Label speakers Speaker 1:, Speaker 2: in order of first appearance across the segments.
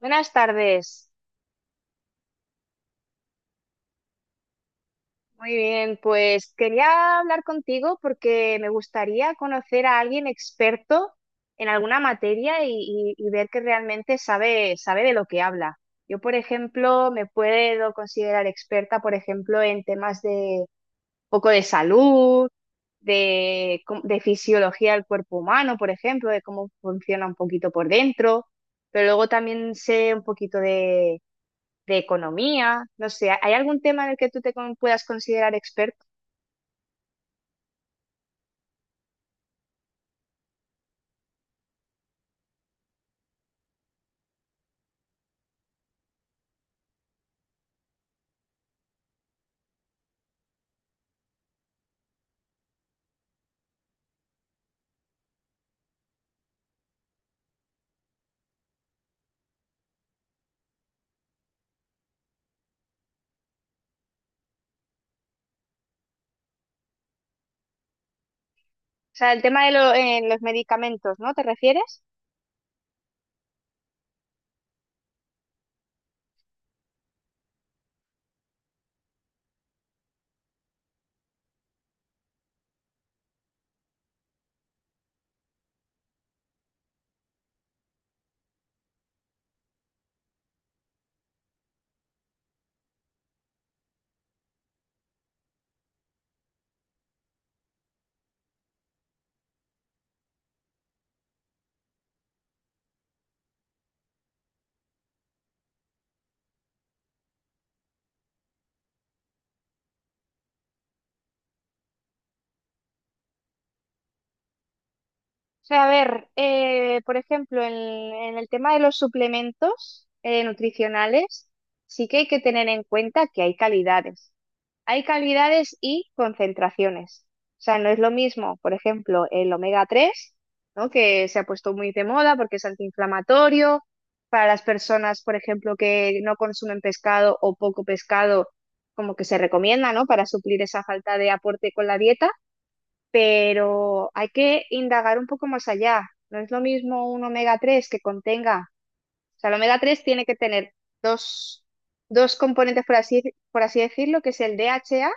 Speaker 1: Buenas tardes. Muy bien, pues quería hablar contigo porque me gustaría conocer a alguien experto en alguna materia y ver que realmente sabe de lo que habla. Yo, por ejemplo, me puedo considerar experta, por ejemplo, en temas de poco de salud, de fisiología del cuerpo humano, por ejemplo, de cómo funciona un poquito por dentro, pero luego también sé un poquito de economía, no sé, ¿hay algún tema en el que tú puedas considerar experto? O sea, el tema de los medicamentos, ¿no? ¿Te refieres? O sea, a ver, por ejemplo, en el tema de los suplementos nutricionales, sí que hay que tener en cuenta que hay calidades. Hay calidades y concentraciones. O sea, no es lo mismo, por ejemplo, el omega tres, ¿no? Que se ha puesto muy de moda porque es antiinflamatorio. Para las personas, por ejemplo, que no consumen pescado o poco pescado, como que se recomienda, ¿no? Para suplir esa falta de aporte con la dieta, pero hay que indagar un poco más allá. No es lo mismo un omega 3 que contenga, o sea, el omega 3 tiene que tener dos, dos componentes, por así decirlo, que es el DHA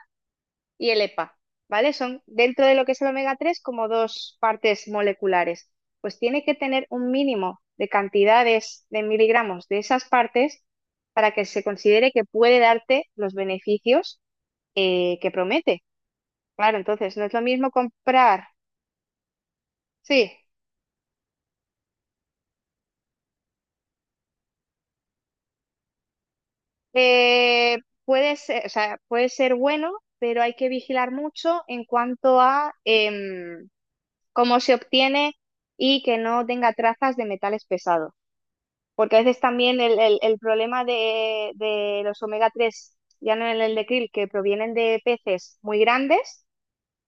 Speaker 1: y el EPA, ¿vale? Son dentro de lo que es el omega 3 como dos partes moleculares. Pues tiene que tener un mínimo de cantidades de miligramos de esas partes para que se considere que puede darte los beneficios que promete. Claro, entonces no es lo mismo comprar, sí. Eh, puede ser, o sea, puede ser bueno, pero hay que vigilar mucho en cuanto a em, cómo se obtiene y que no tenga trazas de metales pesados. Porque a veces también el problema de los omega 3 ya no en el de krill, que provienen de peces muy grandes,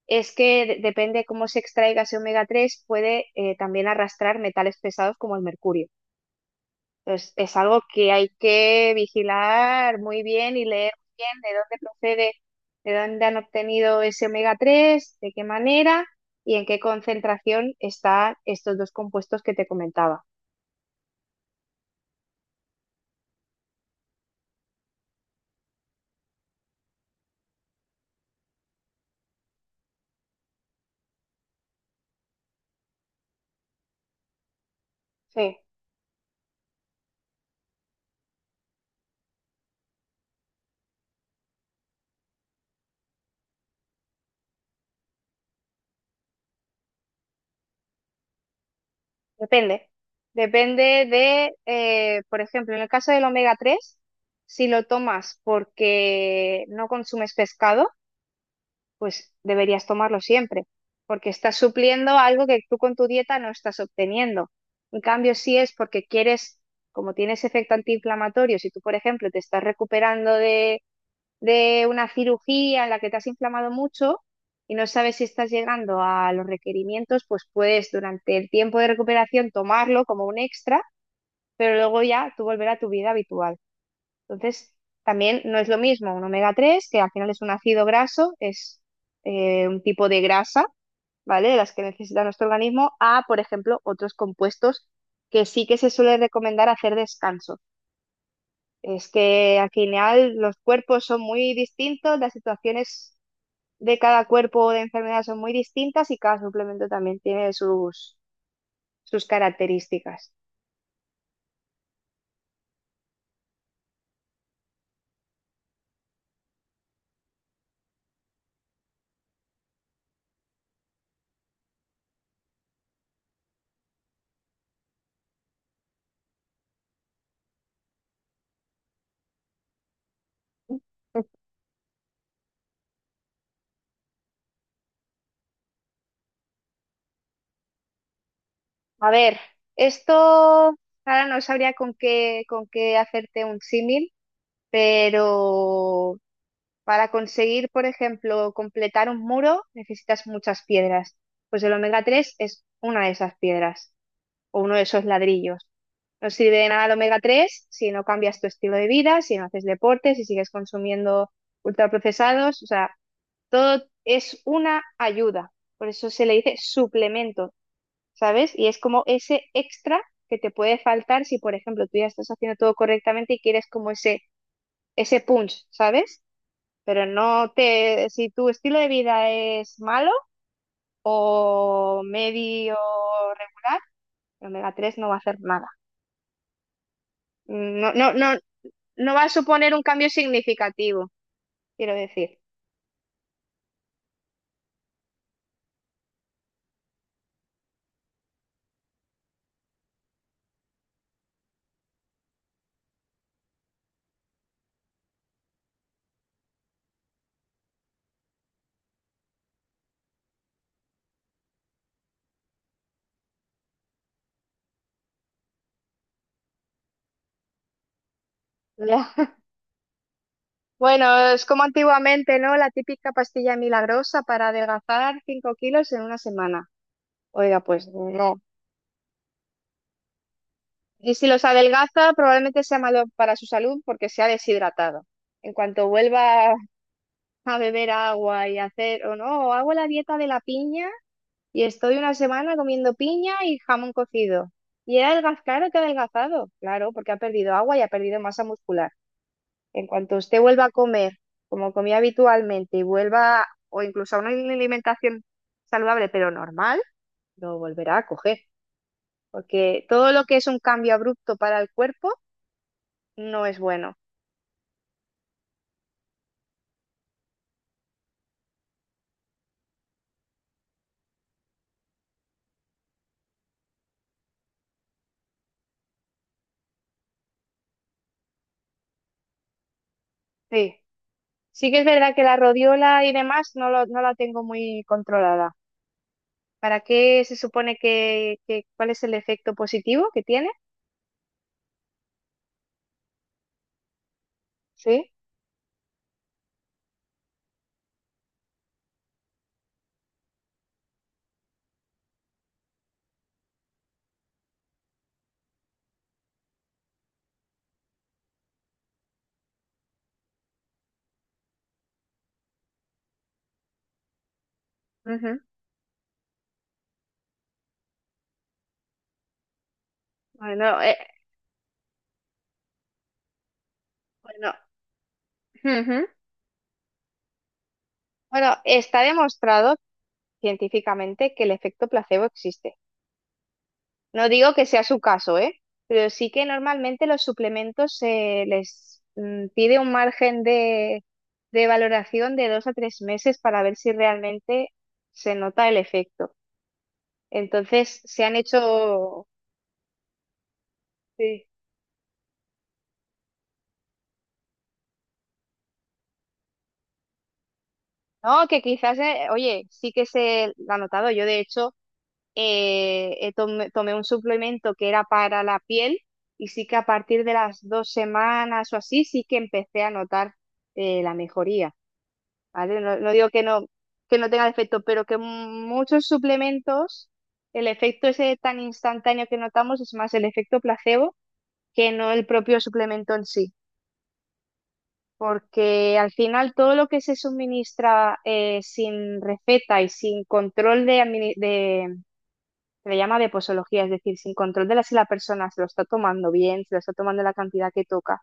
Speaker 1: es que depende cómo se extraiga ese omega 3 puede también arrastrar metales pesados como el mercurio. Entonces, es algo que hay que vigilar muy bien y leer muy bien de dónde procede, de dónde han obtenido ese omega 3 de qué manera y en qué concentración están estos dos compuestos que te comentaba. Sí, depende. Depende de, por ejemplo, en el caso del omega 3 si lo tomas porque no consumes pescado, pues deberías tomarlo siempre, porque estás supliendo algo que tú con tu dieta no estás obteniendo. En cambio, si es porque quieres, como tienes efecto antiinflamatorio, si tú, por ejemplo, te estás recuperando de una cirugía en la que te has inflamado mucho y no sabes si estás llegando a los requerimientos, pues puedes durante el tiempo de recuperación tomarlo como un extra, pero luego ya tú volver a tu vida habitual. Entonces, también no es lo mismo un omega 3 que al final es un ácido graso, es un tipo de grasa, ¿vale? De las que necesita nuestro organismo, a, por ejemplo, otros compuestos que sí que se suele recomendar hacer descanso. Es que al final los cuerpos son muy distintos, las situaciones de cada cuerpo o de enfermedad son muy distintas y cada suplemento también tiene sus características. A ver, esto ahora no sabría con qué hacerte un símil, pero para conseguir, por ejemplo, completar un muro necesitas muchas piedras. Pues el omega 3 es una de esas piedras o uno de esos ladrillos. No sirve de nada el omega 3 si no cambias tu estilo de vida, si no haces deporte, si sigues consumiendo ultraprocesados. O sea, todo es una ayuda. Por eso se le dice suplemento. ¿Sabes? Y es como ese extra que te puede faltar si, por ejemplo, tú ya estás haciendo todo correctamente y quieres como ese punch, ¿sabes? Pero no te, si tu estilo de vida es malo o medio, re- omega 3 no va a hacer nada. No, no, no, no va a suponer un cambio significativo, quiero decir. Ya. Bueno, es como antiguamente, ¿no? La típica pastilla milagrosa para adelgazar 5 kilos en una semana. Oiga, pues no. Y si los adelgaza, probablemente sea malo para su salud porque se ha deshidratado. En cuanto vuelva a beber agua y a hacer, o no, hago la dieta de la piña y estoy una semana comiendo piña y jamón cocido. Claro que ha adelgazado, claro, porque ha perdido agua y ha perdido masa muscular. En cuanto usted vuelva a comer como comía habitualmente y vuelva, o incluso a una alimentación saludable pero normal, lo volverá a coger. Porque todo lo que es un cambio abrupto para el cuerpo no es bueno. Sí, sí que es verdad que la rodiola y demás no, no la tengo muy controlada. ¿Para qué se supone que, cuál es el efecto positivo que tiene? Sí. Ujú. Bueno, bueno, ujú. Bueno, está demostrado científicamente que el efecto placebo existe. No digo que sea su caso, ¿eh? Pero sí que normalmente los suplementos se les pide un margen de valoración de 2 a 3 meses para ver si realmente se nota el efecto. Entonces se han hecho, sí, no, que quizás, oye, sí que se lo ha notado. Yo de hecho tomé un suplemento que era para la piel y sí que a partir de las 2 semanas o así sí que empecé a notar la mejoría, ¿vale? No, no digo que no tenga efecto, pero que muchos suplementos, el efecto ese tan instantáneo que notamos es más el efecto placebo que no el propio suplemento en sí. Porque al final todo lo que se suministra sin receta y sin control de, se le llama de posología, es decir, sin control de la, si la persona se lo está tomando bien, se lo está tomando la cantidad que toca,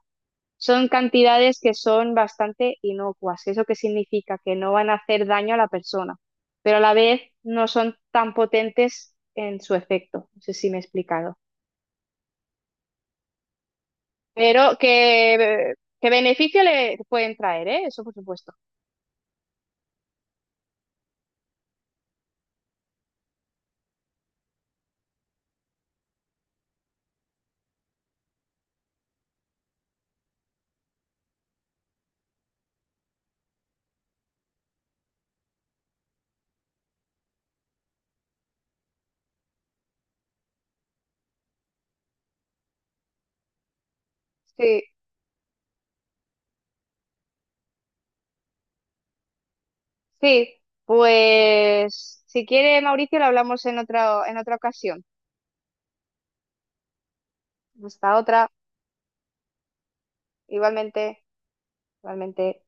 Speaker 1: son cantidades que son bastante inocuas. ¿Eso qué significa? Que no van a hacer daño a la persona, pero a la vez no son tan potentes en su efecto. No sé si me he explicado. Pero que beneficio le pueden traer, ¿eh? Eso por supuesto. Sí. Sí, pues si quiere, Mauricio, lo hablamos en otra ocasión. Hasta otra, igualmente, igualmente.